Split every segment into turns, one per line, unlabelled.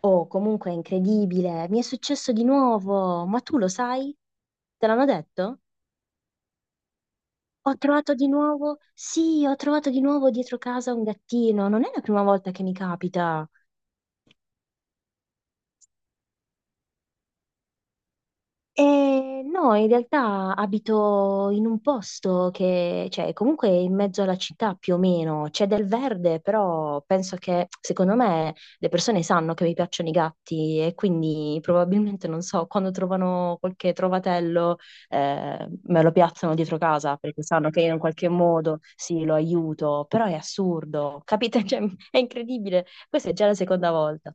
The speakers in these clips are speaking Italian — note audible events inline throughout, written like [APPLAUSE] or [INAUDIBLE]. Oh, comunque è incredibile, mi è successo di nuovo, ma tu lo sai? Te l'hanno detto? Ho trovato di nuovo, sì, ho trovato di nuovo dietro casa un gattino, non è la prima volta che mi capita. No, in realtà abito in un posto che, cioè, comunque è in mezzo alla città più o meno c'è del verde, però penso che, secondo me, le persone sanno che mi piacciono i gatti e quindi probabilmente, non so, quando trovano qualche trovatello, me lo piazzano dietro casa perché sanno che io in qualche modo sì, lo aiuto, però è assurdo, capite? [LAUGHS] Cioè, è incredibile. Questa è già la seconda volta.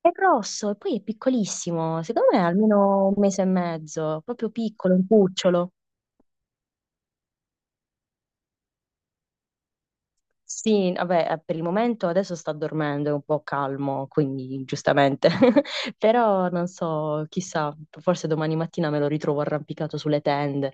È grosso e poi è piccolissimo, secondo me è almeno un mese e mezzo, proprio piccolo, un cucciolo. Sì, vabbè, per il momento adesso sta dormendo, è un po' calmo, quindi giustamente. [LAUGHS] Però non so, chissà, forse domani mattina me lo ritrovo arrampicato sulle tende.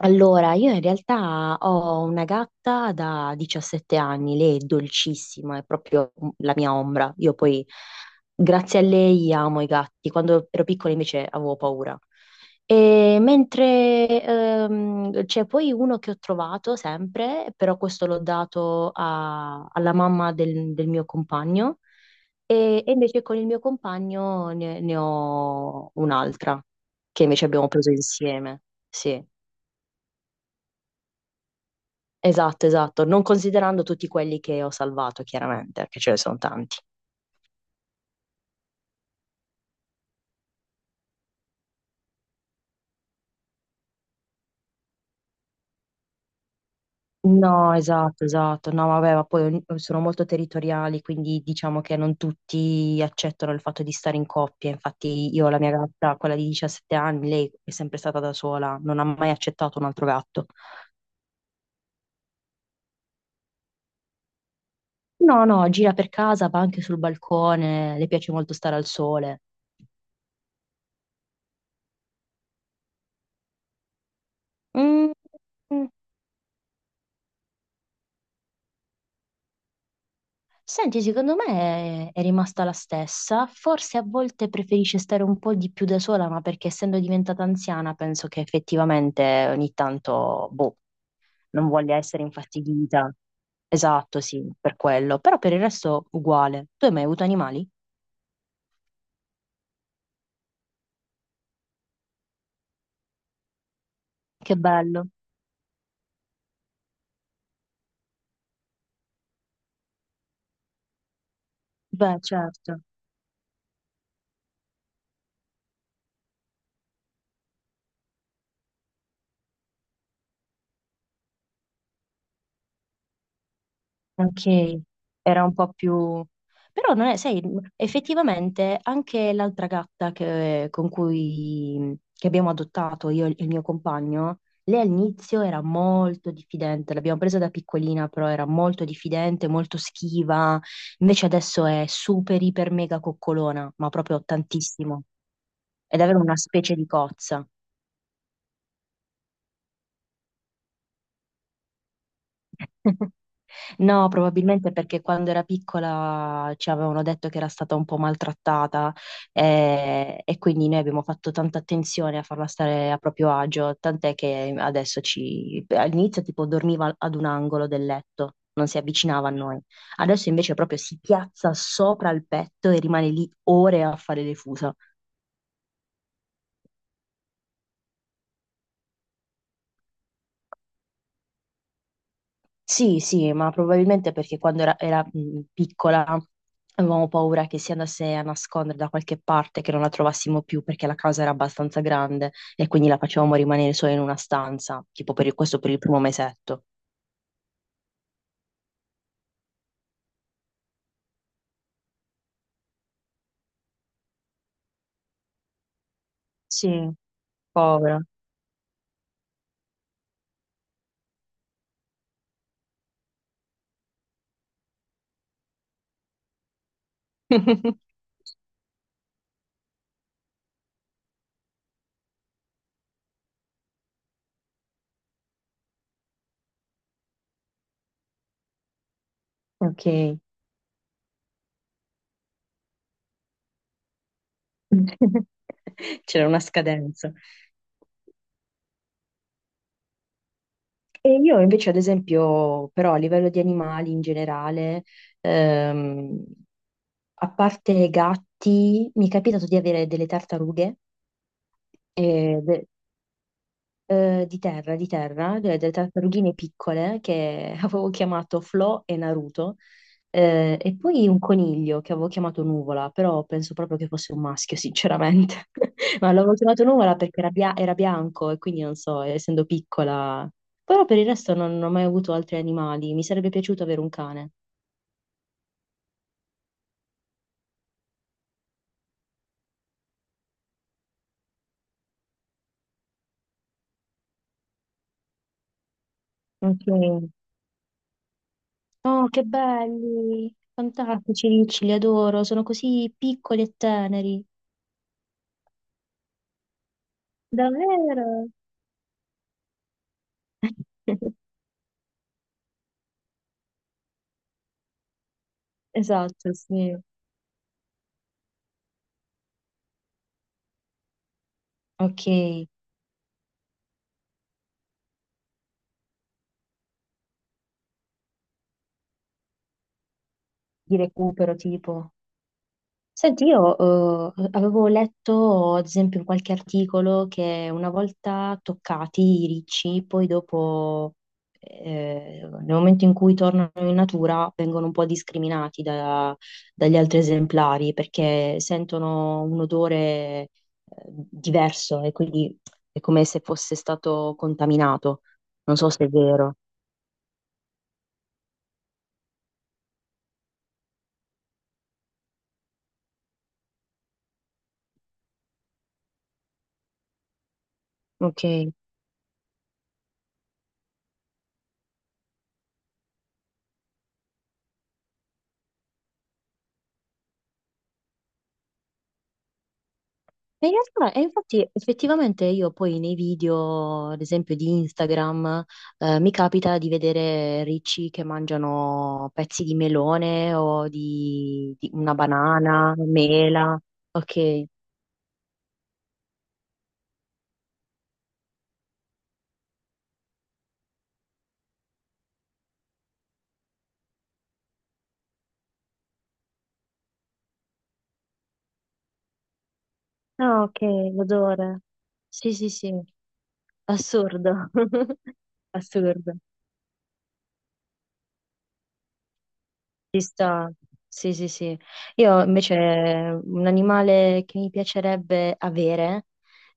Allora, io in realtà ho una gatta da 17 anni, lei è dolcissima, è proprio la mia ombra. Io poi, grazie a lei, amo i gatti. Quando ero piccola invece avevo paura. E mentre c'è poi uno che ho trovato sempre, però questo l'ho dato alla mamma del, del mio compagno, e invece con il mio compagno ne ho un'altra, che invece abbiamo preso insieme. Sì. Esatto, esatto, non considerando tutti quelli che ho salvato, chiaramente, perché ce ne sono tanti. No, esatto, esatto. No, vabbè, ma poi sono molto territoriali, quindi diciamo che non tutti accettano il fatto di stare in coppia. Infatti io ho la mia gatta, quella di 17 anni, lei è sempre stata da sola, non ha mai accettato un altro gatto. No, no, gira per casa, va anche sul balcone, le piace molto stare al sole. Mm, mm. Senti, secondo me è rimasta la stessa, forse a volte preferisce stare un po' di più da sola, ma perché essendo diventata anziana penso che effettivamente ogni tanto, boh, non voglia essere infastidita. Esatto, sì, per quello, però per il resto uguale. Tu hai mai avuto animali? Che bello. Beh, certo. Ok, era un po' più... Però non è, sai, effettivamente anche l'altra gatta che, con cui che abbiamo adottato io e il mio compagno, lei all'inizio era molto diffidente, l'abbiamo presa da piccolina, però era molto diffidente, molto schiva, invece adesso è super, iper, mega coccolona, ma proprio tantissimo. È davvero una specie di cozza. [LAUGHS] No, probabilmente perché quando era piccola ci avevano detto che era stata un po' maltrattata e quindi noi abbiamo fatto tanta attenzione a farla stare a proprio agio, tant'è che adesso ci... all'inizio tipo dormiva ad un angolo del letto, non si avvicinava a noi. Adesso invece proprio si piazza sopra il petto e rimane lì ore a fare le fusa. Sì, sì, ma probabilmente perché quando era, era, piccola avevamo paura che si andasse a nascondere da qualche parte, che non la trovassimo più perché la casa era abbastanza grande e quindi la facevamo rimanere sola in una stanza, tipo questo per il primo mesetto. Sì, povera. [LAUGHS] Ok. [LAUGHS] C'era una scadenza. E io invece, ad esempio, però a livello di animali in generale, ehm, a parte gatti, mi è capitato di avere delle tartarughe eh, de- di terra, delle tartarughine piccole che [LAUGHS] avevo chiamato Flo e Naruto, e poi un coniglio che avevo chiamato Nuvola, però penso proprio che fosse un maschio, sinceramente. [LAUGHS] Ma l'avevo chiamato Nuvola perché era, era bianco e quindi non so, essendo piccola. Però per il resto non, non ho mai avuto altri animali, mi sarebbe piaciuto avere un cane. Ok. Oh, che belli! Fantastici, Ricci, li adoro, sono così piccoli e teneri. Davvero? [LAUGHS] Esatto, sì. Ok, di recupero tipo. Senti, io avevo letto, ad esempio, in qualche articolo che una volta toccati i ricci, poi dopo, nel momento in cui tornano in natura, vengono un po' discriminati dagli altri esemplari perché sentono un odore diverso e quindi è come se fosse stato contaminato. Non so se è vero. Ok. E in realtà, e infatti, effettivamente io poi nei video, ad esempio di Instagram, mi capita di vedere ricci che mangiano pezzi di melone o di una banana, mela. Ok. Ah, ok, l'odore. Sì, sì, sì, assurdo. [LAUGHS] Assurdo. Ci sta. Sì, sì, sì. Io invece un animale che mi piacerebbe avere,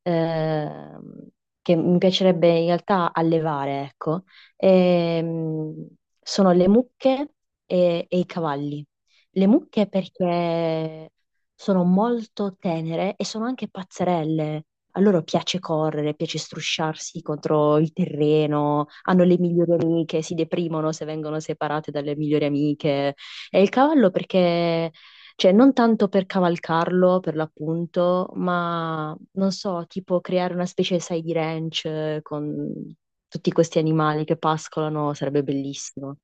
ehm, che mi piacerebbe in realtà allevare, ecco, ehm, sono le mucche e i cavalli. Le mucche perché sono molto tenere e sono anche pazzerelle. A loro piace correre, piace strusciarsi contro il terreno, hanno le migliori amiche, si deprimono se vengono separate dalle migliori amiche. E il cavallo perché, cioè non tanto per cavalcarlo, per l'appunto, ma non so, tipo creare una specie, sai, di ranch con tutti questi animali che pascolano, sarebbe bellissimo.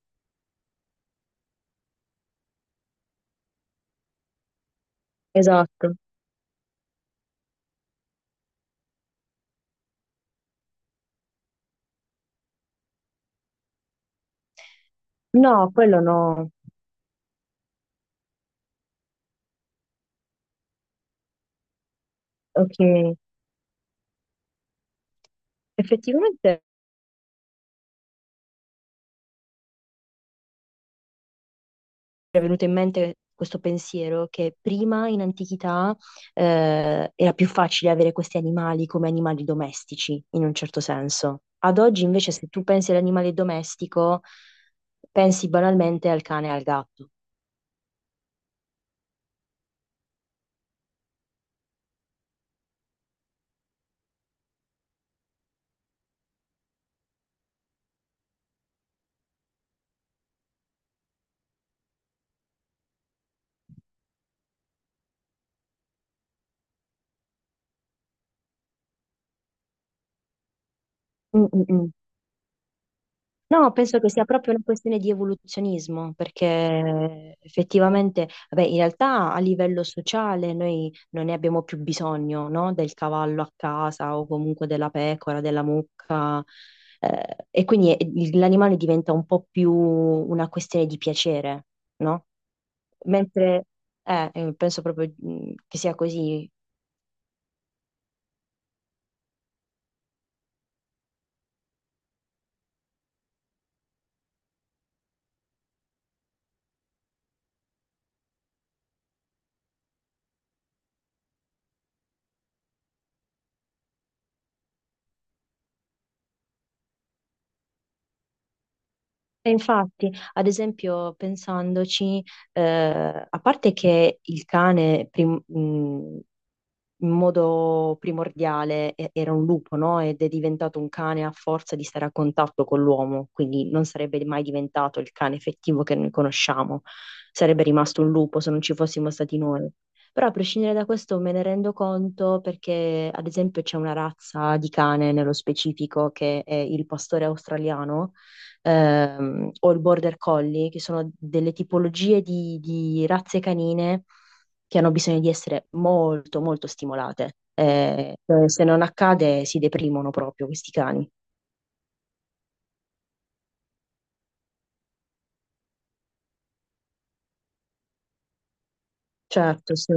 Esatto. No, quello no. Ok. Effettivamente era venuto in mente questo pensiero che prima in antichità era più facile avere questi animali come animali domestici, in un certo senso. Ad oggi invece se tu pensi all'animale domestico, pensi banalmente al cane e al gatto. Mm, mm, mm. No, penso che sia proprio una questione di evoluzionismo, perché effettivamente, vabbè, in realtà a livello sociale noi non ne abbiamo più bisogno, no? Del cavallo a casa o comunque della pecora, della mucca, e quindi l'animale diventa un po' più una questione di piacere, no? Mentre, penso proprio che sia così. E infatti, ad esempio, pensandoci... a parte che il cane, in modo primordiale era un lupo, no? Ed è diventato un cane a forza di stare a contatto con l'uomo, quindi non sarebbe mai diventato il cane effettivo che noi conosciamo, sarebbe rimasto un lupo se non ci fossimo stati noi. Però a prescindere da questo me ne rendo conto perché, ad esempio, c'è una razza di cane nello specifico che è il pastore australiano o il border collie, che sono delle tipologie di razze canine che hanno bisogno di essere molto, molto stimolate. Se non accade, si deprimono proprio questi cani. Certo, sì.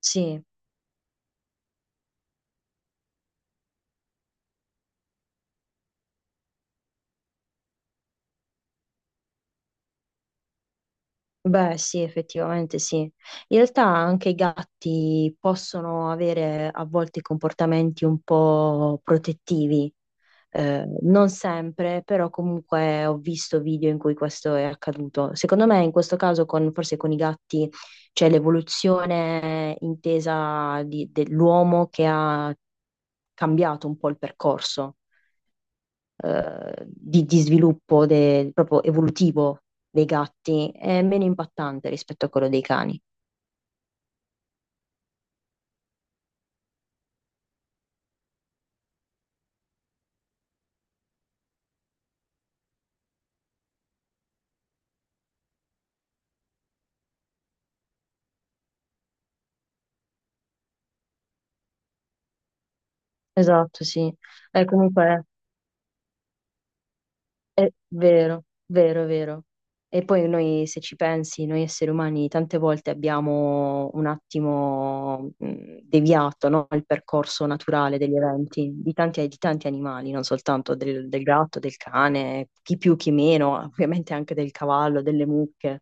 Sì. Beh, sì, effettivamente sì. In realtà anche i gatti possono avere a volte comportamenti un po' protettivi, non sempre, però comunque ho visto video in cui questo è accaduto. Secondo me in questo caso forse con i gatti c'è l'evoluzione intesa dell'uomo che ha cambiato un po' il percorso di sviluppo proprio evolutivo dei gatti, è meno impattante rispetto a quello dei cani. Esatto, sì. Comunque è vero, vero, vero. E poi noi, se ci pensi, noi esseri umani tante volte abbiamo un attimo deviato, no, il percorso naturale degli eventi, di tanti animali, non soltanto del, del gatto, del cane, chi più, chi meno, ovviamente anche del cavallo, delle mucche.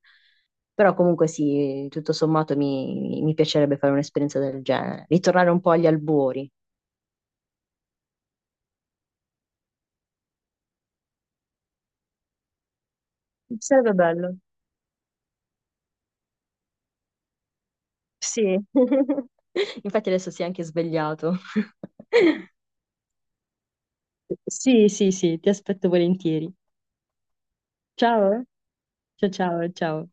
Però comunque sì, tutto sommato mi, mi piacerebbe fare un'esperienza del genere, ritornare un po' agli albori. Sarebbe bello. Sì. [LAUGHS] Infatti adesso si è anche svegliato. [LAUGHS] Sì, sì, sì, ti aspetto volentieri. Ciao, ciao, ciao, ciao.